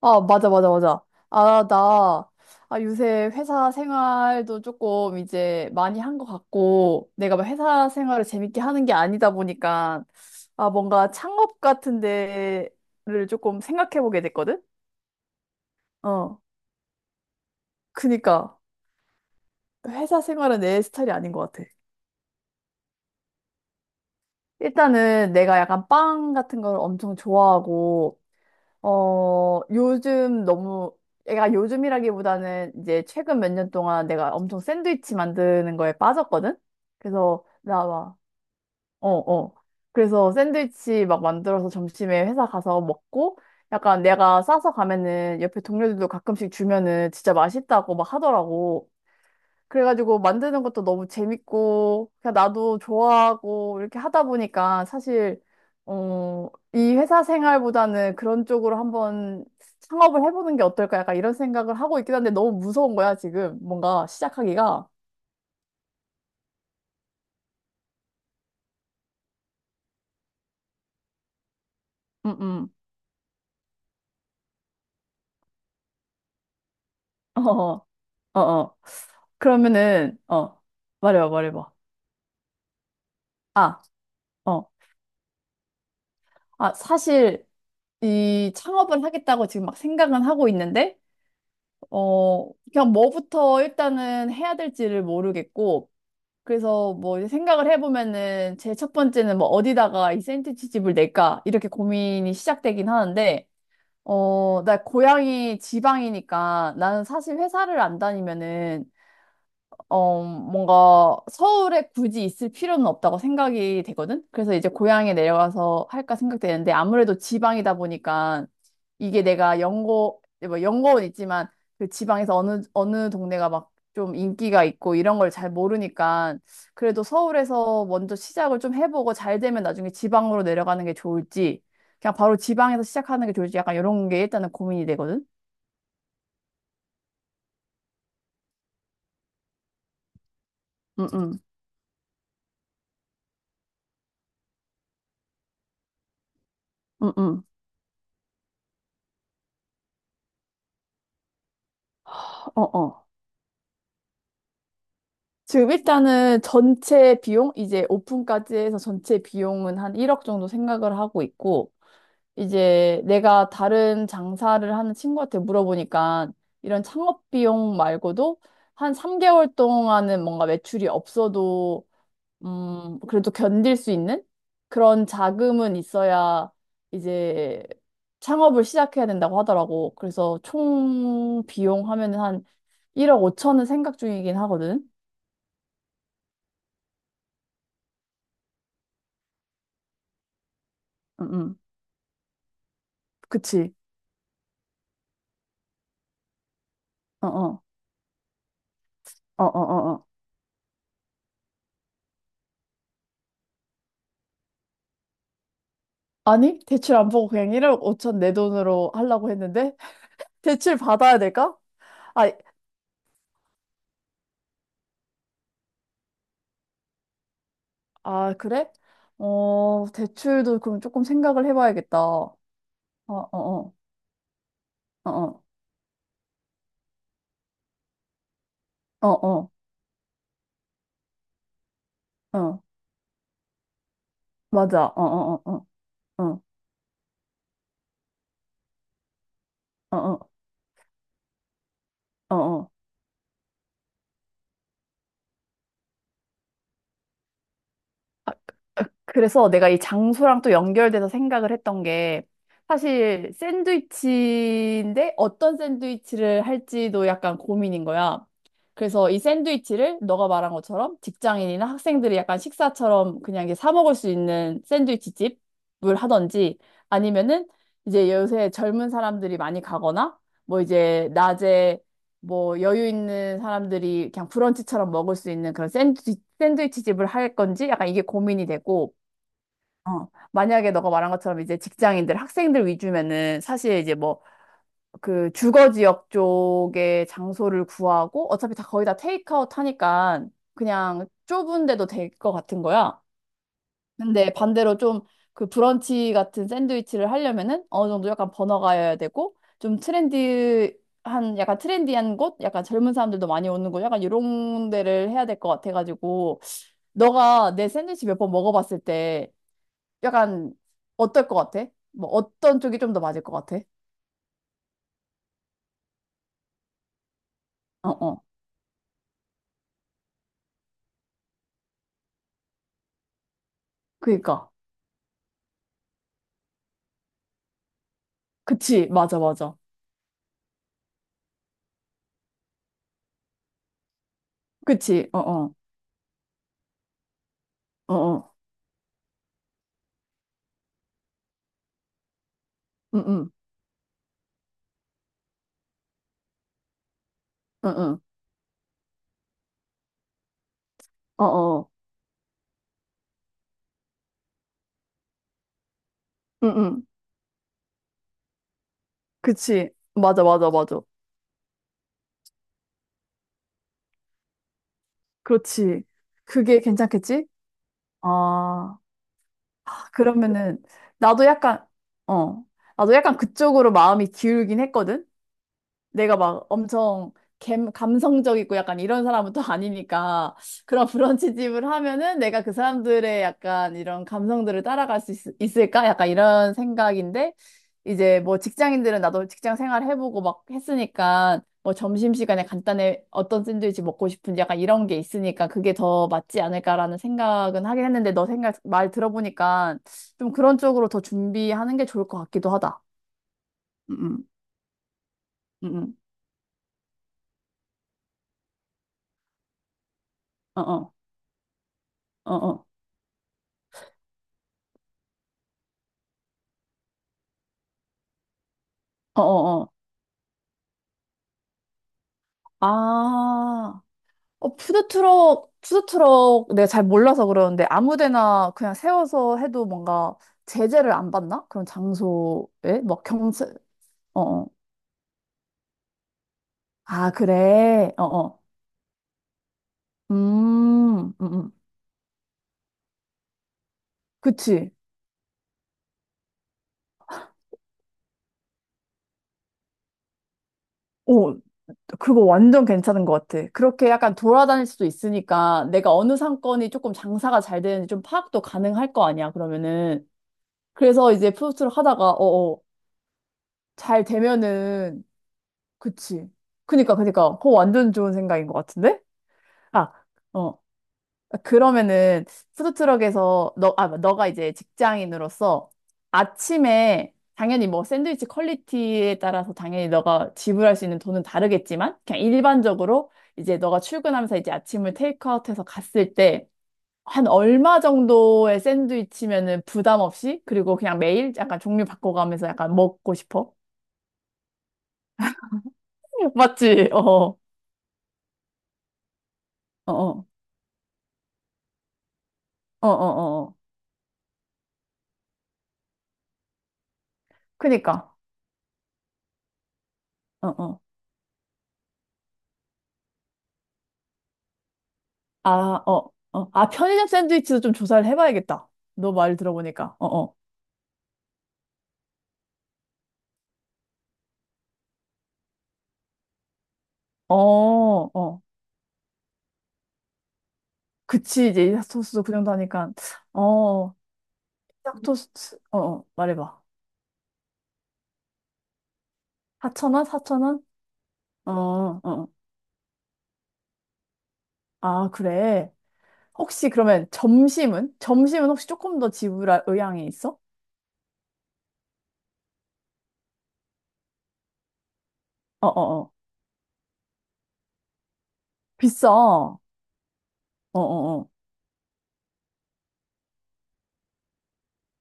아, 맞아, 맞아, 맞아. 아, 나, 아, 요새 회사 생활도 조금 이제 많이 한 것 같고, 내가 막 회사 생활을 재밌게 하는 게 아니다 보니까, 아, 뭔가 창업 같은 데를 조금 생각해 보게 됐거든? 어. 그니까, 회사 생활은 내 스타일이 아닌 것 같아. 일단은 내가 약간 빵 같은 걸 엄청 좋아하고, 어, 요즘 너무, 애가 요즘이라기보다는 이제 최근 몇 년 동안 내가 엄청 샌드위치 만드는 거에 빠졌거든? 그래서, 나 막, 어, 어. 그래서 샌드위치 막 만들어서 점심에 회사 가서 먹고, 약간 내가 싸서 가면은 옆에 동료들도 가끔씩 주면은 진짜 맛있다고 막 하더라고. 그래가지고 만드는 것도 너무 재밌고, 그냥 나도 좋아하고, 이렇게 하다 보니까 사실, 어, 이 회사 생활보다는 그런 쪽으로 한번 창업을 해보는 게 어떨까? 약간 이런 생각을 하고 있긴 한데 너무 무서운 거야, 지금. 뭔가 시작하기가. 응응. 어, 어, 어. 어. 그러면은, 어, 말해봐, 말해봐. 아, 어. 아, 사실 이 창업을 하겠다고 지금 막 생각은 하고 있는데, 그냥 뭐부터 일단은 해야 될지를 모르겠고, 그래서 뭐 이제 생각을 해보면은 제 첫 번째는 뭐 어디다가 이 샌드위치 집을 낼까 이렇게 고민이 시작되긴 하는데 어, 나 고향이 지방이니까 나는 사실 회사를 안 다니면은 어, 뭔가 서울에 굳이 있을 필요는 없다고 생각이 되거든? 그래서 이제 고향에 내려가서 할까 생각되는데 아무래도 지방이다 보니까 이게 내가 연고, 뭐 연고는 있지만 그 지방에서 어느, 어느 동네가 막 좀 인기가 있고 이런 걸 잘 모르니까 그래도 서울에서 먼저 시작을 좀 해보고 잘 되면 나중에 지방으로 내려가는 게 좋을지 그냥 바로 지방에서 시작하는 게 좋을지 약간 이런 게 일단은 고민이 되거든? 응, 응, 응, 응. 어, 어. 지금 일단은 전체 비용, 이제 오픈까지 해서 전체 비용은 한 1억 정도 생각을 하고 있고, 이제 내가 다른 장사를 하는 친구한테 물어보니까 이런 창업 비용 말고도 한 3개월 동안은 뭔가 매출이 없어도, 그래도 견딜 수 있는 그런 자금은 있어야 이제 창업을 시작해야 된다고 하더라고. 그래서 총 비용 하면은 한 1억 5천은 생각 중이긴 하거든. 음, 음. 그치. 어, 어, 어, 어, 어. 어. 아니, 대출 안 보고 그냥 1억 5천 내 돈으로 하려고 했는데, 대출 받아야 될까? 아, 아, 그래? 어, 대출도 그럼 조금 생각을 해봐야겠다. 어, 어, 어, 어, 어, 어, 어, 어, 맞아. 어, 어, 어, 어, 어, 어, 어, 어. 어. 그래서 내가 이 장소랑 또 연결돼서 생각을 했던 게 사실 샌드위치인데 어떤 샌드위치를 할지도 약간 고민인 거야. 그래서 이 샌드위치를 너가 말한 것처럼 직장인이나 학생들이 약간 식사처럼 그냥 이게 사 먹을 수 있는 샌드위치 집을 하던지 아니면은 이제 요새 젊은 사람들이 많이 가거나 뭐 이제 낮에 뭐 여유 있는 사람들이 그냥 브런치처럼 먹을 수 있는 그런 샌드위치 집을 할 건지 약간 이게 고민이 되고, 어, 만약에 너가 말한 것처럼 이제 직장인들, 학생들 위주면은 사실 이제 뭐 그 주거 지역 쪽에 장소를 구하고 어차피 다 거의 다 테이크아웃 하니까 그냥 좁은 데도 될 것 같은 거야. 근데 반대로 좀 그 브런치 같은 샌드위치를 하려면은 어느 정도 약간 번화가여야 되고 좀 트렌디한 약간 트렌디한 곳, 약간 젊은 사람들도 많이 오는 곳, 약간 이런 데를 해야 될 것 같아가지고 너가 내 샌드위치 몇 번 먹어봤을 때 약간 어떨 것 같아? 뭐 어떤 쪽이 좀 더 맞을 것 같아? 어 어, 그니까, 그치, 맞아 맞아, 그치, 어 어, 어어, 응응, 응응, 어어, 응응, 그치, 맞아 맞아 맞아. 그렇지. 그게 괜찮겠지? 아, 그러면은, 나도 약간, 어, 나도 약간 그쪽으로 마음이 기울긴 했거든? 내가 막 엄청 감성적이고 약간 이런 사람은 또 아니니까 그런 브런치집을 하면은 내가 그 사람들의 약간 이런 감성들을 따라갈 수 을까 약간 이런 생각인데 이제 뭐 직장인들은 나도 직장 생활 해보고 막 했으니까 뭐 점심시간에 간단히 어떤 샌드위치 먹고 싶은지 약간 이런 게 있으니까 그게 더 맞지 않을까라는 생각은 하긴 했는데 너 생각 말 들어보니까 좀 그런 쪽으로 더 준비하는 게 좋을 것 같기도 하다. 음, 음, 음, 음. 어, 어, 어, 어. 어어어. 아, 어, 푸드트럭 내가 잘 몰라서 그러는데 아무 데나 그냥 세워서 해도 뭔가 제재를 안 받나? 그런 장소에? 막 경찰, 어어. 아, 그래. 어어. 음, 음, 음. 그치. 어, 그거 완전 괜찮은 것 같아. 그렇게 약간 돌아다닐 수도 있으니까 내가 어느 상권이 조금 장사가 잘 되는지 좀 파악도 가능할 거 아니야, 그러면은. 그래서 이제 푸드트럭 하다가, 어어. 잘 되면은 그치. 그니까, 그니까. 그거 완전 좋은 생각인 것 같은데? 아, 어. 그러면은, 푸드트럭에서, 너, 아, 너가 이제 직장인으로서 아침에 당연히 뭐 샌드위치 퀄리티에 따라서 당연히 너가 지불할 수 있는 돈은 다르겠지만, 그냥 일반적으로 이제 너가 출근하면서 이제 아침을 테이크아웃해서 갔을 때, 한 얼마 정도의 샌드위치면은 부담 없이, 그리고 그냥 매일 약간 종류 바꿔가면서 약간 먹고 싶어? 맞지? 어, 어, 어, 어, 어. 어. 그니까. 어, 어. 아, 어, 어. 아, 편의점 샌드위치도 좀 조사를 해봐야겠다. 너 말 들어보니까. 어, 어. 어, 어. 그치, 이제 이 토스도 그 정도 하니까. 어, 짝 토스트. 어, 어. 말해봐. 4,000원? 4,000원? 어, 어. 아, 그래. 혹시 그러면 점심은? 점심은 혹시 조금 더 지불할 의향이 있어? 어, 어, 어. 비싸. 어, 어, 어.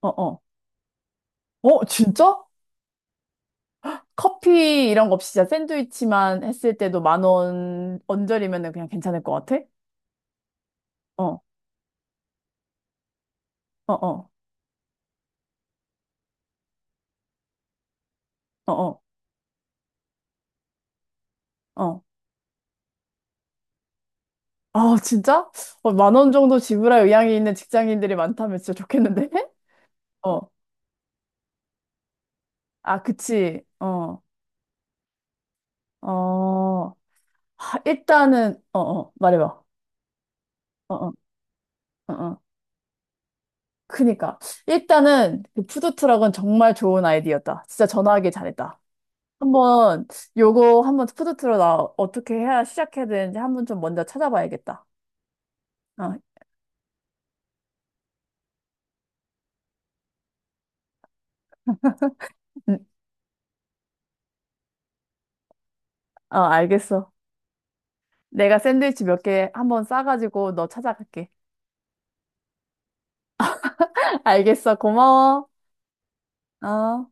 어, 어. 어, 진짜? 커피 이런 거 없이 진짜 샌드위치만 했을 때도 만 원 언저리면은 그냥 괜찮을 것 같아? 어, 어, 어, 어, 어, 어. 아, 진짜? 어, 만 원 정도 지불할 의향이 있는 직장인들이 많다면 진짜 좋겠는데? 어, 아, 그치. 어, 어. 어, 어, 말해봐. 어, 어, 어, 어. 그니까. 일단은 그 푸드트럭은 정말 좋은 아이디어다. 진짜 전화하길 잘했다. 한번 요거 한번 푸드트럭 나 어떻게 해야 시작해야 되는지 한번 좀 먼저 찾아봐야겠다. 어, 음, 어, 알겠어. 내가 샌드위치 몇 개 한번 싸가지고 너 찾아갈게. 알겠어. 고마워. 어.